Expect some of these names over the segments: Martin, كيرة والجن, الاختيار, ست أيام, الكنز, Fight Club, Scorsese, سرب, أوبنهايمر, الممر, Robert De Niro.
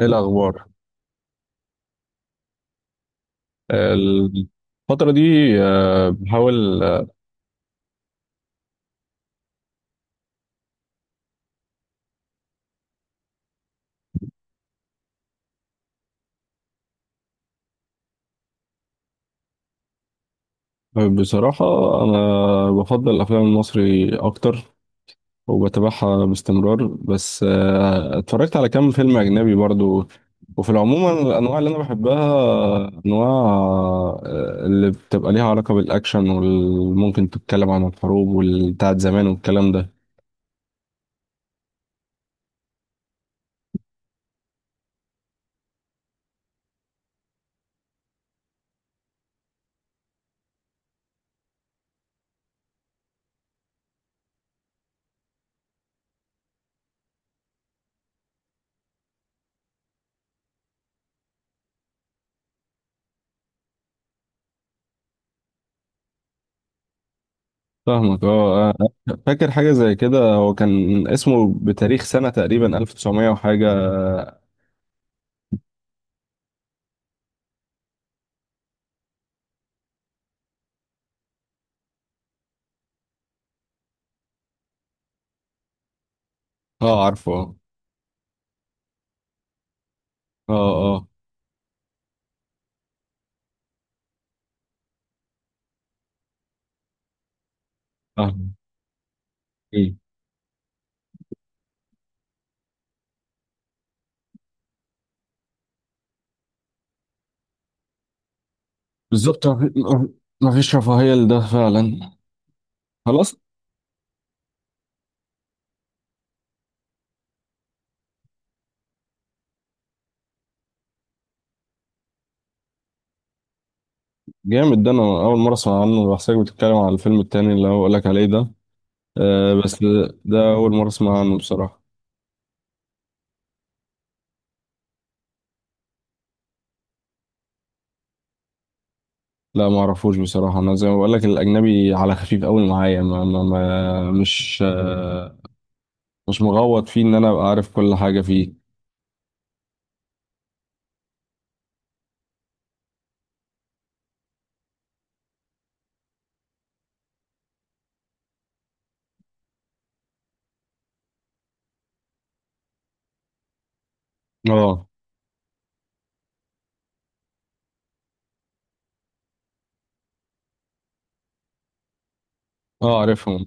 ايه الاخبار؟ إيه الفتره دي؟ بحاول. بصراحه انا بفضل الافلام المصري اكتر وبتابعها باستمرار، بس اتفرجت على كام فيلم اجنبي برضو. وفي العموم أنا الانواع اللي انا بحبها انواع اللي بتبقى ليها علاقه بالاكشن، وممكن تتكلم عن الحروب والبتاعت زمان والكلام ده. فاهمك، اه. فاكر حاجه زي كده، هو كان اسمه بتاريخ سنه تقريبا 1900 وحاجه. اه، عارفه، اه، اه، اه، فاهم، إيه. بالظبط، ما فيش رفاهية لده فعلا، خلاص. جامد، ده انا اول مرة اسمع عنه، بحسك بتتكلم على الفيلم التاني اللي هقول لك عليه ده. آه بس ده اول مرة اسمع عنه بصراحة. لا، ما اعرفوش بصراحة، انا زي ما بقول لك الاجنبي على خفيف قوي معايا، ما ما ما مش مش مغوط فيه ان انا ابقى عارف كل حاجة فيه. اه، اه، عارفهم.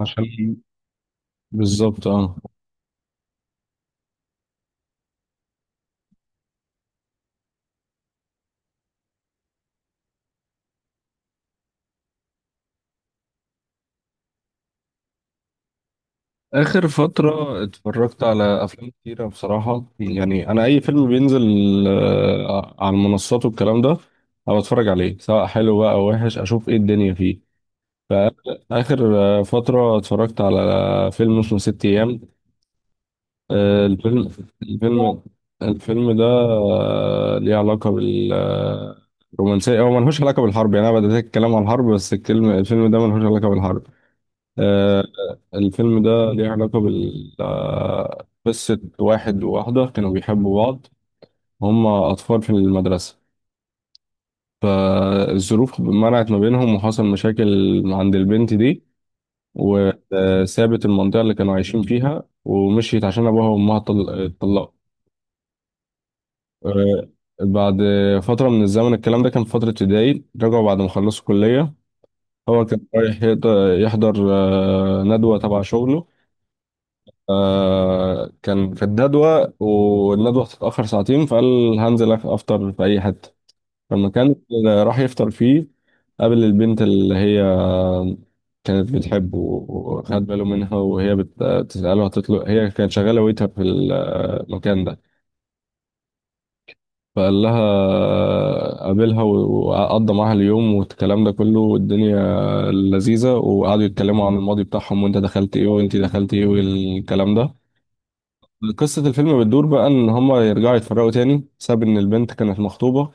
عشان، بالظبط، اه. آخر فترة اتفرجت على أفلام كتيرة بصراحة، يعني أنا أي فيلم بينزل على المنصات والكلام ده أنا بتفرج عليه، سواء حلو بقى أو وحش، أشوف إيه الدنيا فيه. فآخر فترة اتفرجت على فيلم اسمه ست أيام. آه، الفيلم الفيلم الفيلم ده ليه علاقة بالرومانسية، هو ملهوش علاقة بالحرب، يعني أنا بدأت أتكلم عن الحرب بس الكلمة الفيلم ده ملهوش علاقة بالحرب. آه، الفيلم ده ليه علاقة بال قصة واحد وواحدة كانوا بيحبوا بعض، هما أطفال في المدرسة. فالظروف منعت ما بينهم وحصل مشاكل عند البنت دي، وسابت المنطقة اللي كانوا عايشين فيها ومشيت عشان أبوها وأمها اتطلقوا. آه، بعد فترة من الزمن، الكلام ده كان في فترة ابتدائي، رجعوا بعد ما خلصوا كلية. هو كان رايح يحضر ندوة تبع شغله. كان في الجدول والندوة هتتأخر ساعتين، فقال هنزل أفطر في أي حتة. فالمكان اللي راح يفطر فيه قابل البنت اللي هي كانت بتحبه وخد باله منها، وهي بتسأله هتطلب، هي كانت شغالة ويتر في المكان ده. فقال لها، قابلها وقضى معاها اليوم والكلام ده كله، والدنيا لذيذة، وقعدوا يتكلموا عن الماضي بتاعهم، وانت دخلت ايه وانت دخلت ايه والكلام ده. قصة الفيلم بتدور بقى إن هما يرجعوا يتفرقوا تاني بسبب إن البنت كانت مخطوبة،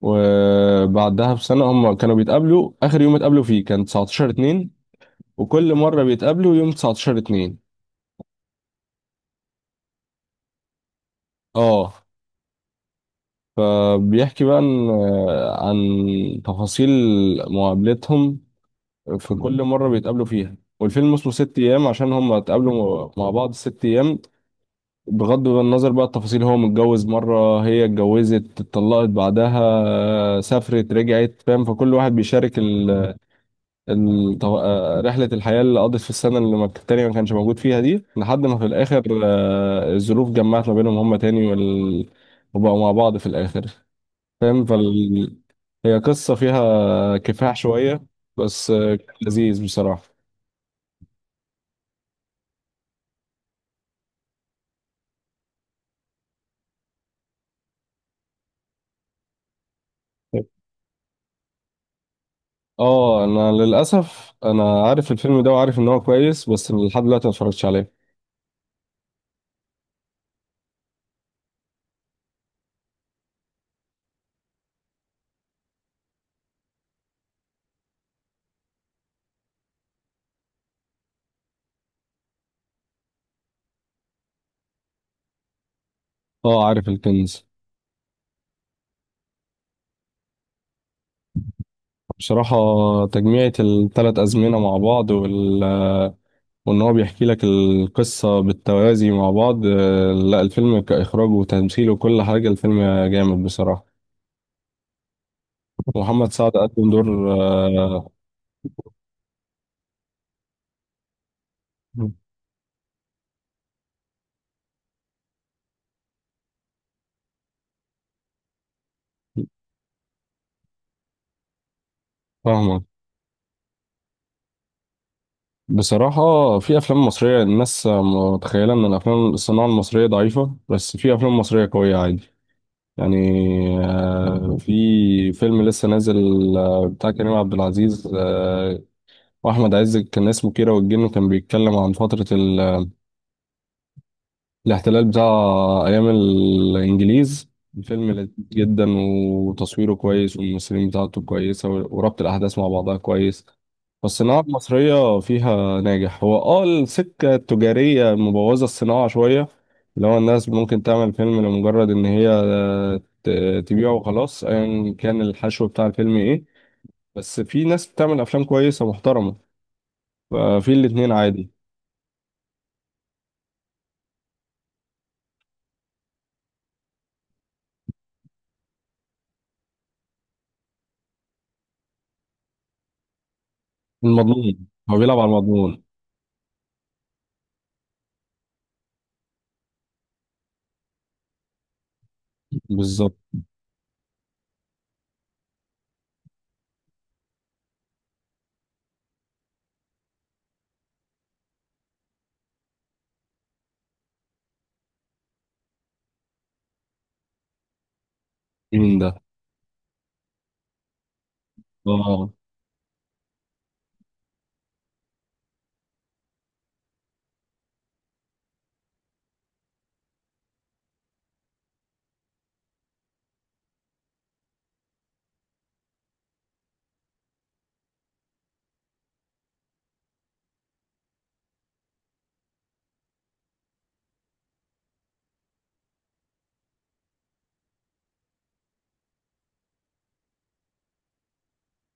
وبعدها بسنة هما كانوا بيتقابلوا، آخر يوم اتقابلوا فيه كان 19 2، وكل مرة بيتقابلوا يوم 19 2. اه. فبيحكي بقى إن عن تفاصيل مقابلتهم في كل مرة بيتقابلوا فيها. والفيلم اسمه ست أيام عشان هما اتقابلوا مع بعض ست أيام، بغض النظر بقى التفاصيل، هو متجوز مرة، هي اتجوزت اتطلقت بعدها سافرت رجعت، فاهم؟ فكل واحد بيشارك ال... ال... طو- آه، رحلة الحياة اللي قضت في السنة اللي ما التانية ما كانش موجود فيها دي، لحد ما في الآخر الظروف جمعت ما بينهم هما تاني وبقوا مع بعض في الآخر، فاهم؟ هي قصة فيها كفاح شوية، بس كان لذيذ بصراحة. اه، انا للاسف انا عارف الفيلم ده وعارف ان هو كويس، بس لحد دلوقتي ما اتفرجتش عليه. اه، عارف الكنز. بصراحة تجميعة الثلاث أزمنة مع بعض وإن هو بيحكي لك القصة بالتوازي مع بعض، لا الفيلم كإخراج وتمثيل وكل حاجة، الفيلم جامد بصراحة. محمد سعد قدم دور فاهمك. بصراحة في أفلام مصرية، الناس متخيلة إن الأفلام الصناعة المصرية ضعيفة، بس في أفلام مصرية قوية عادي يعني. في فيلم لسه نازل بتاع كريم عبد العزيز واحمد عز، كان اسمه كيرة والجن، كان بيتكلم عن فترة الاحتلال بتاع ايام الانجليز. الفيلم لذيذ جدا، وتصويره كويس، والممثلين بتاعته كويسة، وربط الاحداث مع بعضها كويس. فالصناعة المصرية فيها ناجح، هو اه السكة التجارية مبوظة الصناعة شوية، اللي هو الناس ممكن تعمل فيلم لمجرد ان هي تبيعه وخلاص، ايا كان الحشو بتاع الفيلم ايه. بس في ناس بتعمل افلام كويسة محترمة، ففي الاتنين عادي. المضمون، هو بيلعب على المضمون. بالظبط. مين ده؟ اه،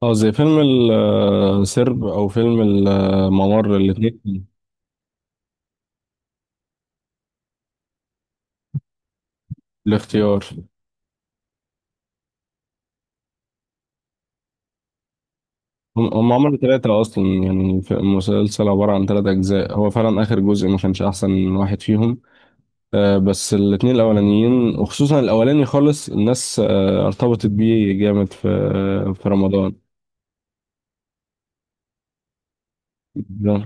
اه، زي فيلم سرب او فيلم الممر، الاثنين. الاختيار، هم عملوا ثلاثة أصلا يعني، المسلسل عبارة عن ثلاثة أجزاء، هو فعلا آخر جزء ما كانش أحسن واحد فيهم. آه بس الاتنين الأولانيين وخصوصا الأولاني خالص، الناس آه ارتبطت بيه جامد في في رمضان ده.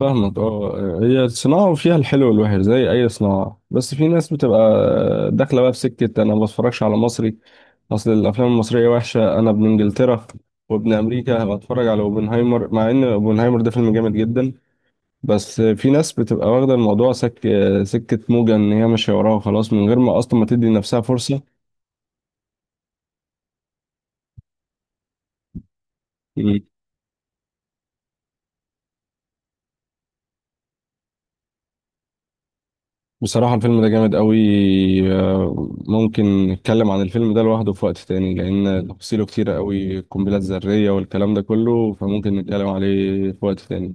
فاهمك، اه، هي الصناعة وفيها الحلو والوحش زي أي صناعة، بس في ناس بتبقى داخلة بقى في سكة أنا ما بتفرجش على مصري، أصل الأفلام المصرية وحشة، أنا ابن إنجلترا وابن أمريكا، بتفرج على أوبنهايمر، مع إن أوبنهايمر ده فيلم جامد جدا. بس في ناس بتبقى واخدة الموضوع سكة موجة إن هي ماشية وراها وخلاص، من غير ما أصلا ما تدي نفسها فرصة. بصراحة الفيلم ده جامد قوي، ممكن نتكلم عن الفيلم ده لوحده في وقت تاني لأن تفاصيله كتيرة قوي، القنبلة الذرية والكلام ده كله، فممكن نتكلم عليه في وقت تاني.